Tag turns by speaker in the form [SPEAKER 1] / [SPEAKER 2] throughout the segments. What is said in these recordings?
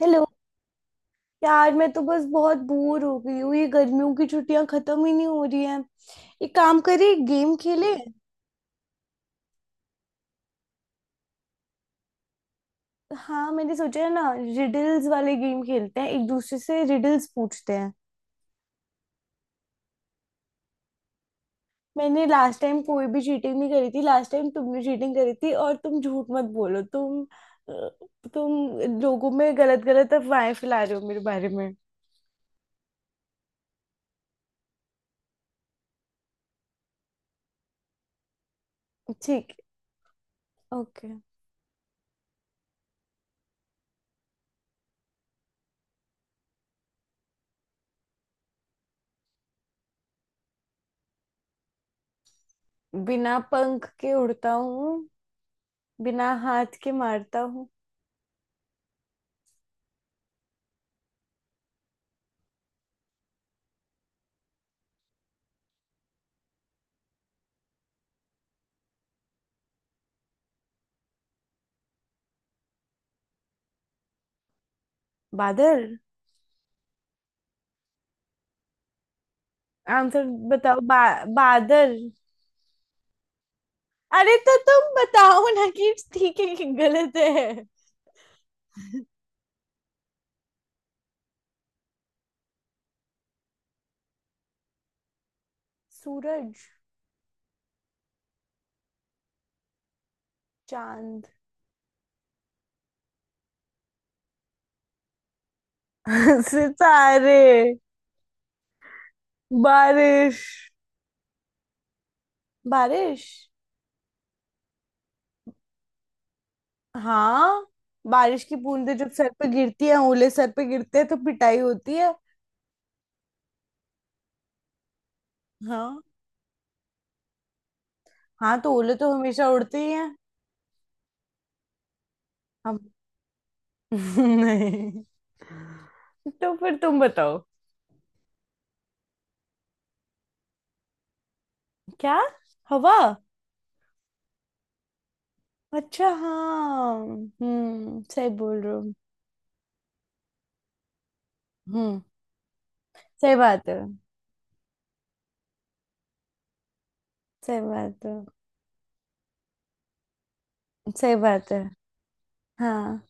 [SPEAKER 1] Hello. यार मैं तो बस बहुत बोर हो गई हूँ। ये गर्मियों की छुट्टियां खत्म ही नहीं हो रही हैं। एक काम करें, गेम खेले। हाँ, मैंने सोचा है ना, रिडल्स वाले गेम खेलते हैं, एक दूसरे से रिडल्स पूछते हैं। मैंने लास्ट टाइम कोई भी चीटिंग नहीं करी थी, लास्ट टाइम तुमने चीटिंग करी थी। और तुम झूठ मत बोलो अ, तुम लोगों में गलत गलत अफवाहें फैला रहे हो मेरे बारे में। ठीक। ओके। बिना पंख के उड़ता हूँ, बिना हाथ के मारता हूँ। बादल। आंसर बताओ। बादल। अरे तो तुम बताओ ना, कि ठीक है कि गलत है। सूरज। चांद। सितारे। बारिश। बारिश। हाँ, बारिश की बूंदें जब सर पे गिरती है, ओले सर पे गिरते हैं तो पिटाई होती है। हाँ। हाँ तो ओले तो हमेशा उड़ते ही हैं। हम। नहीं। तो फिर तुम बताओ क्या। हवा। अच्छा, हाँ, हम्म, सही बोल रहे हो। हम्म। सही बात है। सही बात है। सही बात है। हाँ।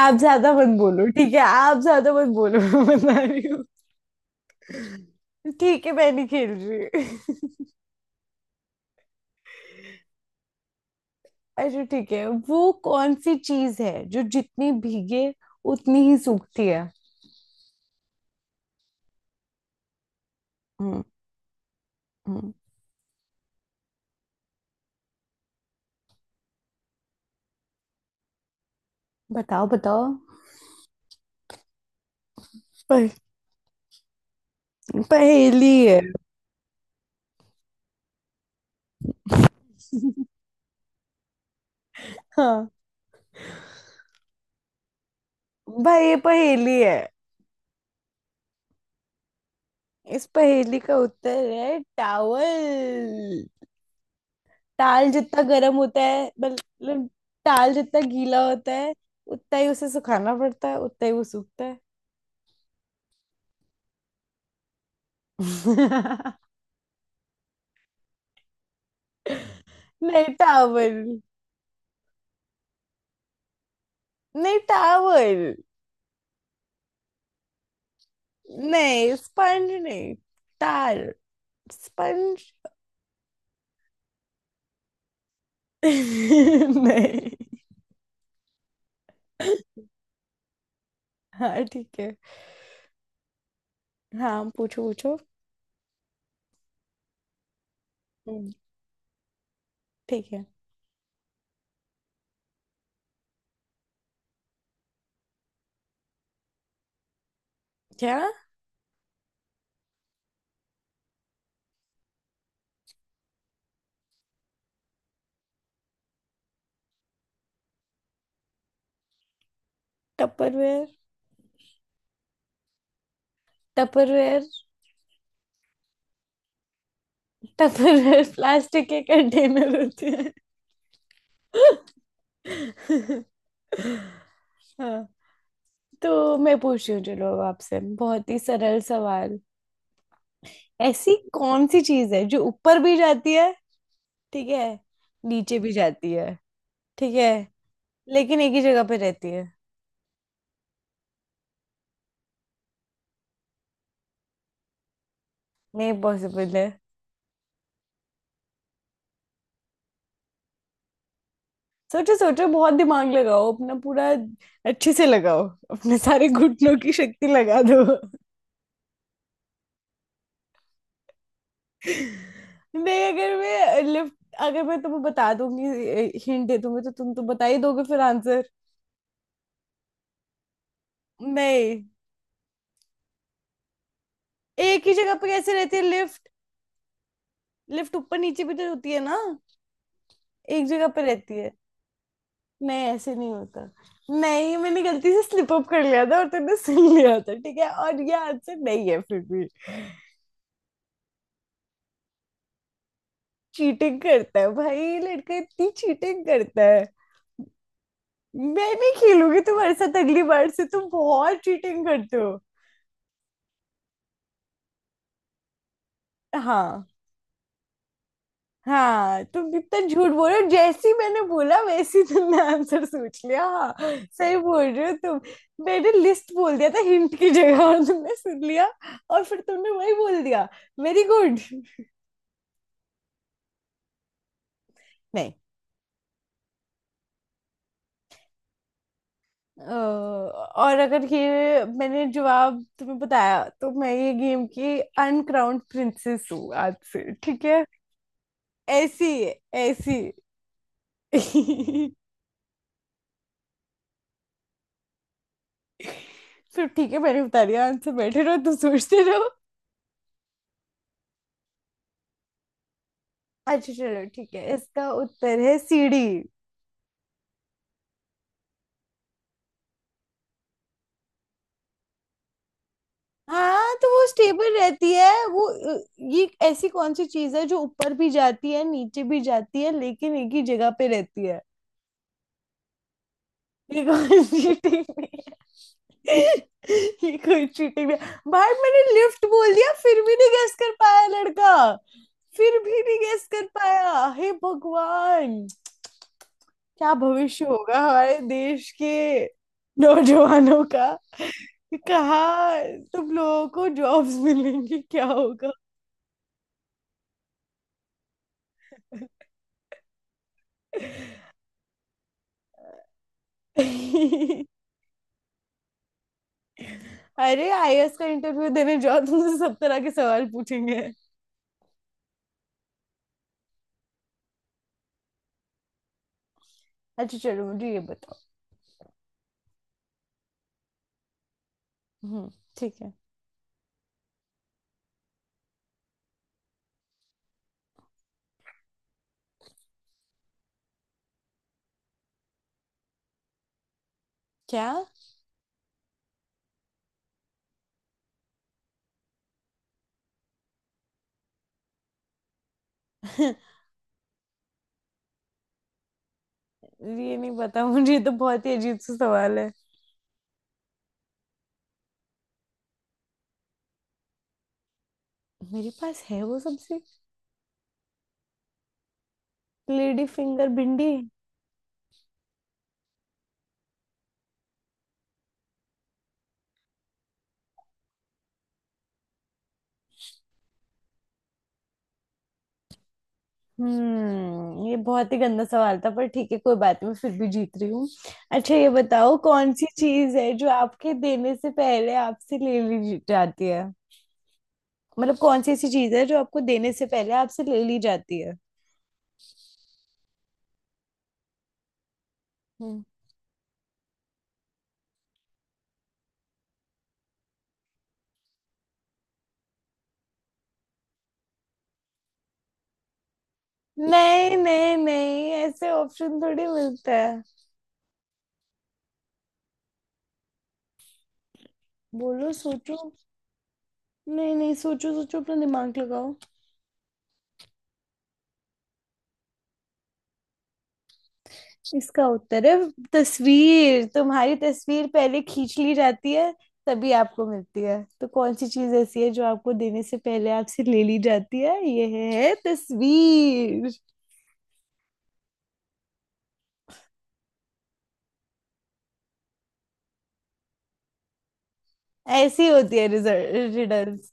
[SPEAKER 1] आप ज्यादा मत बोलो, ठीक है, आप ज्यादा मत बोलो। मैं बता रही हूँ। ठीक है, मैं नहीं खेल रही। अच्छा ठीक है। वो कौन सी चीज है जो जितनी भीगे उतनी ही सूखती है। हम्म। हम्म। बताओ बताओ। प- पहेली है। हाँ भाई, ये पहेली है। इस पहेली का उत्तर है टावल। ताल जितना गर्म होता है, मतलब ताल जितना गीला होता है, उतना ही उसे सुखाना पड़ता है, उतना ही वो सूखता है। नहीं, टावल। नहीं, टावल। नहीं, स्पंज नहीं। तार। स्पंज। नहीं। हाँ ठीक है। हाँ पूछो पूछो। हम्म, ठीक है। क्या। टपरवेयर। टपरवेयर। टपरवेयर प्लास्टिक के कंटेनर होते हैं। हाँ। तो मैं पूछ रही हूँ, चलो अब आपसे बहुत ही सरल सवाल। ऐसी कौन सी चीज है जो ऊपर भी जाती है, ठीक है, नीचे भी जाती है, ठीक है, लेकिन एक ही जगह पे रहती है। नहीं, पॉसिबल है। सोचो सोचो, बहुत दिमाग लगाओ, अपना पूरा अच्छे से लगाओ, अपने सारे घुटनों की शक्ति लगा दो। नहीं, अगर मैं लिफ्ट, अगर मैं तुम्हें बता दूंगी, हिंट दे दूंगी, तो तुम तो बता ही दोगे फिर आंसर। नहीं, एक ही जगह पे कैसे रहती है लिफ्ट। लिफ्ट ऊपर नीचे भी तो होती है ना, एक जगह पे रहती है। नहीं, ऐसे नहीं होता। नहीं, मैंने गलती से स्लिप अप कर लिया था और तूने सुन लिया था, ठीक है, और ये आंसर नहीं है फिर भी। चीटिंग करता है भाई, लड़का इतनी चीटिंग करता है। मैं नहीं खेलूंगी तुम्हारे साथ अगली बार से, तुम बहुत चीटिंग करते हो। हाँ। हाँ तुम कितना झूठ बोल रहे हो, जैसे ही मैंने बोला वैसे ही तुमने आंसर सोच लिया, हाँ। सही बोल रहे हो तुम, मैंने लिस्ट बोल दिया था हिंट की जगह और तुमने सुन लिया, और फिर तुमने वही बोल दिया। Very good. नहीं और अगर ये मैंने जवाब तुम्हें बताया, तो मैं ये गेम की अनक्राउंड प्रिंसेस हूँ आज से, ठीक है। ऐसी, ऐसी। फिर ठीक है, मैंने बता दिया आंसर, बैठे रहो तुम सोचते रहो। अच्छा चलो ठीक है, इसका उत्तर है सीढ़ी। हाँ तो वो स्टेबल रहती है वो। अ, ये ऐसी कौन सी चीज है जो ऊपर भी जाती है, नीचे भी जाती है, लेकिन एक ही जगह पे रहती है। ये कोई चीटिंग नहीं है। ये कोई चीटिंग नहीं है। भाई मैंने लिफ्ट बोल दिया फिर भी नहीं गेस कर पाया लड़का, फिर भी नहीं गेस कर पाया। हे भगवान, क्या भविष्य होगा हमारे देश के नौजवानों का। कहाँ तुम लोगों को जॉब्स मिलेंगी, क्या होगा। अरे आईएएस का इंटरव्यू देने जाओ, तुमसे सब तरह के सवाल पूछेंगे। अच्छा चलो मुझे ये बताओ। हम्म। ठीक है। क्या। ये नहीं पता मुझे, ये तो बहुत ही अजीब सा सवाल है। मेरे पास है वो सबसे। लेडी फिंगर, भिंडी। हम्म, ये बहुत ही गंदा सवाल था, पर ठीक है कोई बात नहीं, मैं फिर भी जीत रही हूँ। अच्छा ये बताओ, कौन सी चीज है जो आपके देने से पहले आपसे ले ली जाती है। मतलब कौन सी ऐसी चीज है जो आपको देने से पहले आपसे ले ली जाती है। हम्म। नहीं नहीं नहीं, ऐसे ऑप्शन थोड़ी मिलता है। बोलो, सोचो। नहीं नहीं, सोचो सोचो, अपना दिमाग लगाओ। इसका उत्तर है तस्वीर। तुम्हारी तस्वीर पहले खींच ली जाती है, तभी आपको मिलती है। तो कौन सी चीज ऐसी है जो आपको देने से पहले आपसे ले ली जाती है, यह है तस्वीर। ऐसी होती है रिडल्स।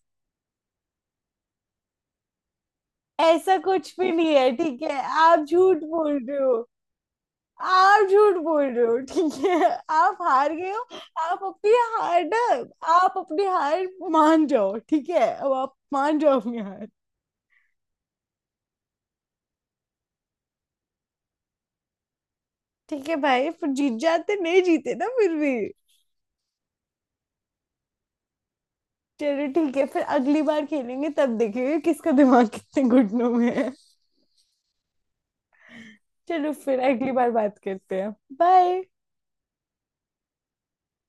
[SPEAKER 1] ऐसा कुछ भी नहीं है ठीक है, आप झूठ बोल रहे हो। आप झूठ बोल रहे हो, ठीक है। आप हार गए हो। आप अपनी हार ना, आप अपनी हार मान जाओ, ठीक है, अब आप मान जाओ अपनी हार। ठीक है भाई, फिर जीत जाते, नहीं जीते ना फिर भी। चलो ठीक है, फिर अगली बार खेलेंगे, तब देखेंगे किसका दिमाग कितने घुटनों में है। चलो फिर अगली बार बात करते हैं। बाय।